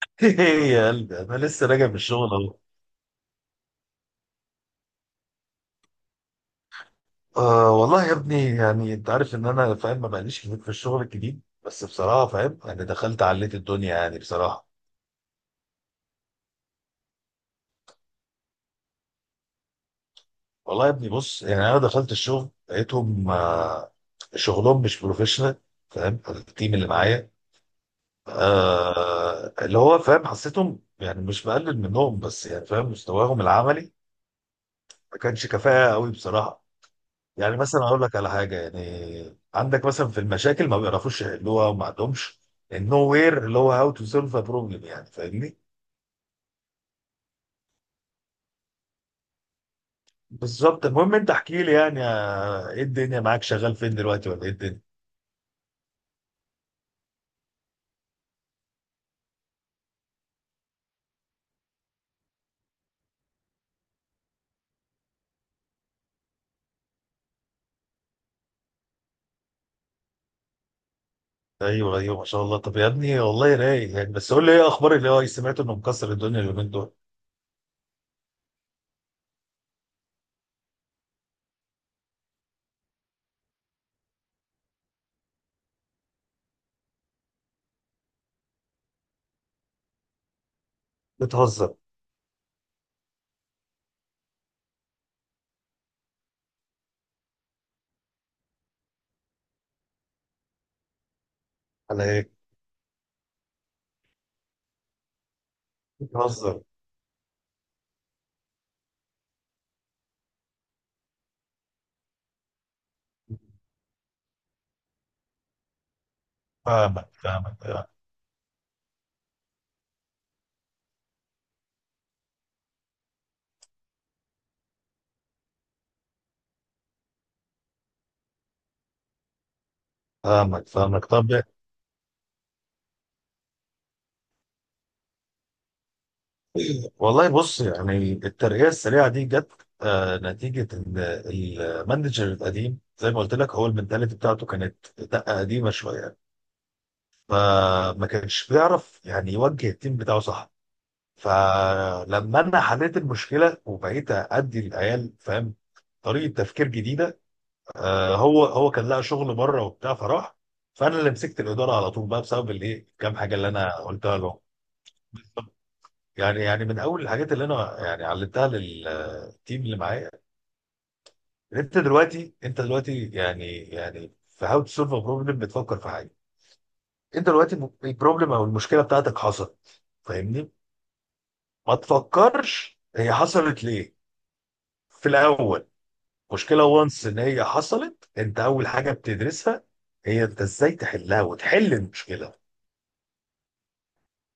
ايه يا قلبي، انا لسه راجع من الشغل اهو. آه والله يا ابني، يعني انت عارف ان انا فاهم ما بقاليش كتير في الشغل الجديد، بس بصراحه فاهم، يعني دخلت عليت الدنيا يعني بصراحه. والله يا ابني بص، يعني انا دخلت الشغل لقيتهم شغلهم مش بروفيشنال. فاهم التيم اللي معايا. اللي هو فاهم، حسيتهم يعني مش بقلل منهم، بس يعني فاهم مستواهم العملي. ما كانش كفاءه قوي بصراحه. يعني مثلا اقول لك على حاجه، يعني عندك مثلا في المشاكل ما بيعرفوش يحلوها وما عندهمش النو وير، اللي هو هاو تو سولف ا بروبلم، يعني فاهمني؟ بالظبط، المهم انت احكي لي يعني ايه الدنيا معاك شغال فين دلوقتي ولا ايه الدنيا؟ ايوه ايوه ما شاء الله. طب يا ابني والله رايق يعني، بس قول لي ايه اخبار اللي هو سمعت انه مكسر الدنيا اليومين دول؟ بتهزر؟ على ايه؟ بتهزر؟ فاهمك، فاهمك، فاهمك، فاهمك. طب. والله بص، يعني الترقية السريعة دي جت نتيجة إن المانجر القديم، زي ما قلت لك، هو المنتاليتي بتاعته كانت دقة قديمة شوية. فما كانش بيعرف يعني يوجه التيم بتاعه صح. فلما أنا حليت المشكلة وبقيت أدي للعيال، فاهم، طريقة تفكير جديدة. هو كان لقى شغل بره وبتاع فراح. فأنا اللي مسكت الإدارة على طول بقى بسبب الإيه، كام حاجة اللي أنا قلتها لهم. يعني من أول الحاجات اللي أنا يعني علمتها للتيم اللي معايا. يعني انت دلوقتي يعني في هاو تو سولف بروبلم بتفكر في حاجه. انت دلوقتي البروبلم او المشكله بتاعتك حصلت، فاهمني؟ ما تفكرش هي حصلت ليه في الاول. مشكله وانس ان هي حصلت، انت اول حاجه بتدرسها هي انت ازاي تحلها وتحل المشكله.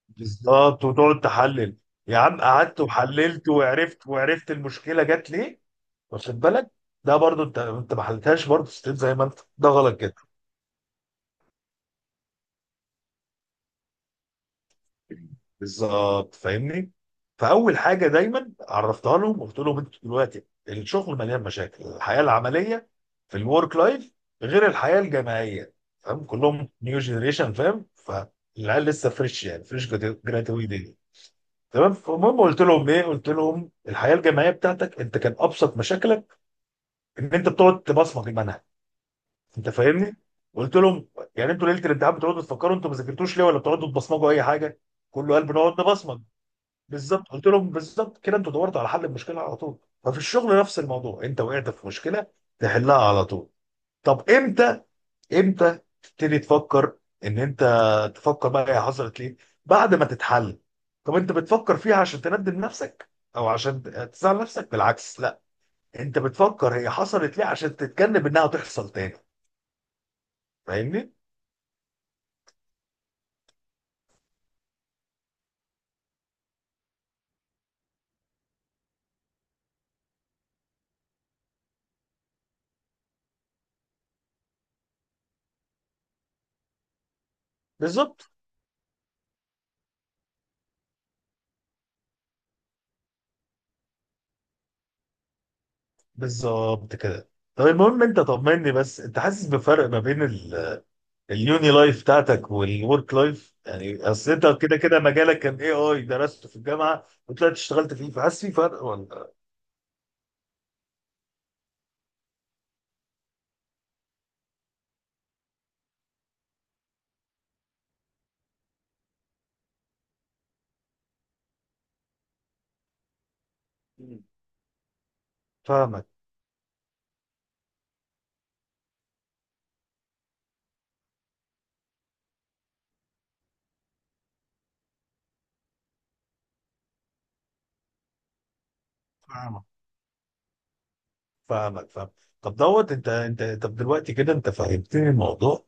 بالظبط، وتقعد تحلل. يا عم قعدت وحللت وعرفت المشكله جت ليه. واخد بالك؟ ده برضو انت ما حلتهاش برضو، ستيل زي ما انت، ده غلط جدا. بالظبط، فاهمني؟ فاول حاجه دايما عرفتها لهم، وقلت لهم انتوا دلوقتي الشغل مليان مشاكل الحياه العمليه، في الورك لايف، غير الحياه الجامعيه. فاهم، كلهم نيو جينيريشن. فاهم، فالعيال لسه فريش، يعني فريش جراتويد دي. تمام. فالمهم قلت لهم ايه، قلت لهم الحياه الجامعيه بتاعتك انت كان ابسط مشاكلك ان انت بتقعد تبصمج المنهج. انت فاهمني؟ قلت لهم يعني، انتوا ليله الامتحان بتقعدوا تفكروا انتوا ما ذاكرتوش ليه، ولا بتقعدوا تبصمجوا اي حاجه؟ كله قال بنقعد نبصمج. بالظبط. قلت لهم بالظبط كده، انتوا دورتوا على حل المشكله على طول. ففي الشغل نفس الموضوع، انت وقعت في مشكله تحلها على طول. طب امتى تبتدي تفكر. ان انت تفكر بقى هي حصلت ليه؟ بعد ما تتحل. طب انت بتفكر فيها عشان تندم نفسك او عشان تزعل نفسك؟ بالعكس، لا. انت بتفكر هي حصلت ليه عشان تتجنب انها تحصل تاني. فاهمني؟ بالظبط، بالظبط كده. طب المهم انت طمني بس، انت حاسس بفرق ما بين اليوني لايف بتاعتك والورك لايف، يعني اصل انت كده كده مجالك كان اي اي درسته في الجامعه وطلعت اشتغلت فيه، فحاسس في فرق ولا؟ مم. فاهمك، فاهمك، فاهمك، فاهم. طب دلوقتي كده انت فهمتني الموضوع.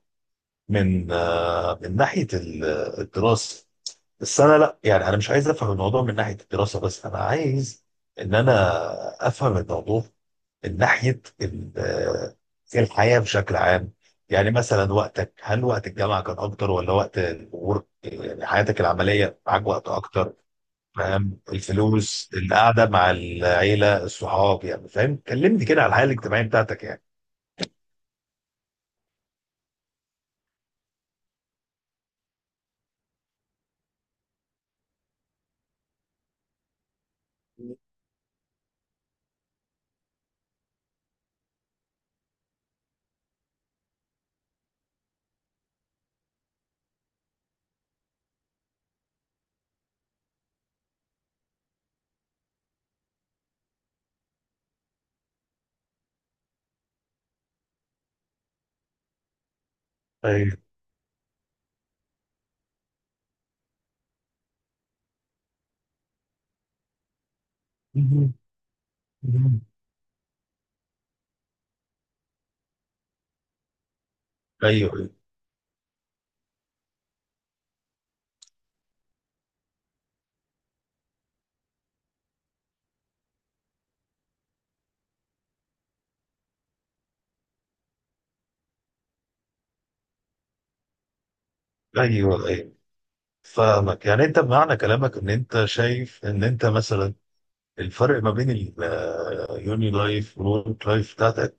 من من ناحيه الدراسه. بس انا لا، يعني انا مش عايز افهم الموضوع من ناحيه الدراسه بس، انا عايز ان انا افهم الموضوع ناحيه الحياه بشكل عام. يعني مثلا وقتك، هل وقت الجامعه كان اكتر ولا وقت الورك يعني حياتك العمليه، معاك وقت اكتر؟ فاهم؟ الفلوس، القعده مع العيله، الصحاب، يعني فاهم، كلمني كده على الحياه الاجتماعيه بتاعتك يعني. ايوه. مهم. مهم. ايوه، ايوه، ايوه، فاهمك. يعني انت بمعنى كلامك ان انت شايف ان انت مثلا الفرق ما بين اليوني لايف والورك لايف بتاعتك.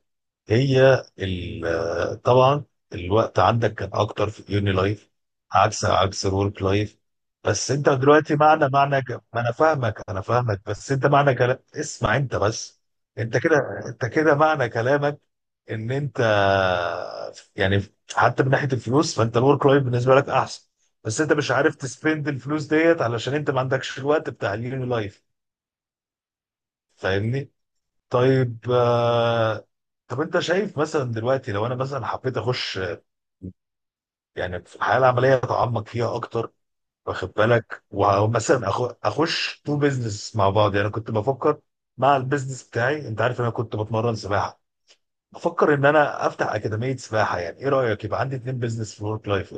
هي طبعا الوقت عندك كان اكتر في اليوني لايف. عكس الورك لايف. بس انت دلوقتي ما انا فاهمك بس انت معنى كلام، اسمع انت بس. انت كده انت كده معنى كلامك. ان انت يعني، حتى من ناحيه الفلوس، فانت الورك لايف بالنسبه لك احسن. بس انت مش عارف تسبند الفلوس ديت علشان انت ما عندكش الوقت بتاع اليوني لايف. فاهمني؟ طيب، طب انت شايف مثلا دلوقتي لو انا مثلا حبيت اخش يعني في الحياه العمليه اتعمق فيها اكتر. واخد بالك؟ ومثلا اخش تو بيزنس مع بعض، يعني كنت بفكر. مع البيزنس بتاعي، انت عارف انا كنت بتمرن سباحه. بفكر ان انا افتح اكاديميه سباحه، يعني ايه رايك؟ يبقى عندي اتنين بيزنس في ورك لايف.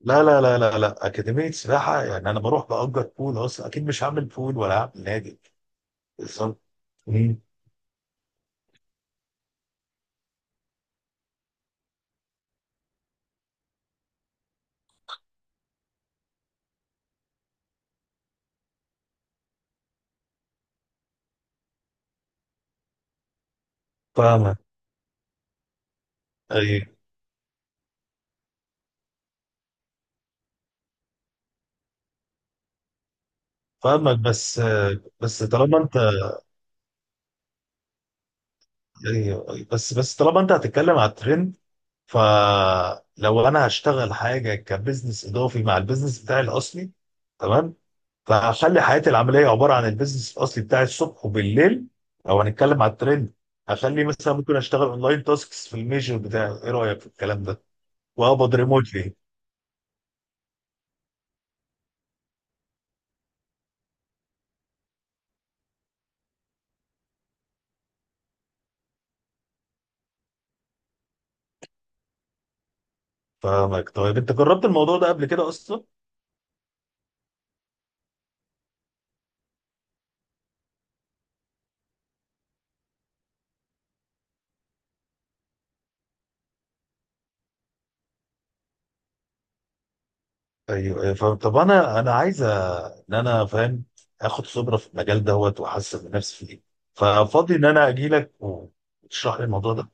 لا، لا، لا، لا، لا، اكاديميه سباحه يعني، انا بروح باجر بول اصلا، اكيد مش هعمل بول ولا هعمل نادي. بالظبط. مم. فاهمه. ايوه فاهمك، بس بس طالما انت أيوة، أيوة، بس طالما انت هتتكلم على الترند. فلو انا هشتغل حاجه كبزنس اضافي مع البزنس بتاعي الاصلي. تمام. فهخلي حياتي العمليه عباره عن البزنس الاصلي بتاعي الصبح وبالليل. لو هنتكلم على الترند، هخلي مثلا ممكن اشتغل اونلاين تاسكس في الميجر بتاعي. ايه رايك في الكلام ده؟ وهقبض ريموتلي. فاهمك. طيب انت جربت الموضوع ده قبل كده اصلا؟ ايوه. أيوة، فاهم. طب انا عايز ان انا فاهم. اخد خبره في المجال دوت، واحسن من نفسي فيه. ففاضي ان انا اجي لك وتشرح لي الموضوع ده.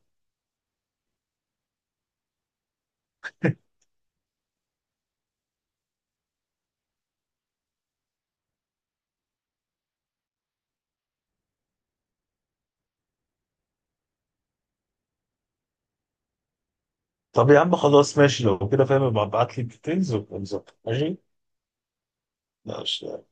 طب يا عم خلاص، ماشي لو كده فاهم، ابقى ابعت لي الديتيلز ونظبط. ماشي، ماشي.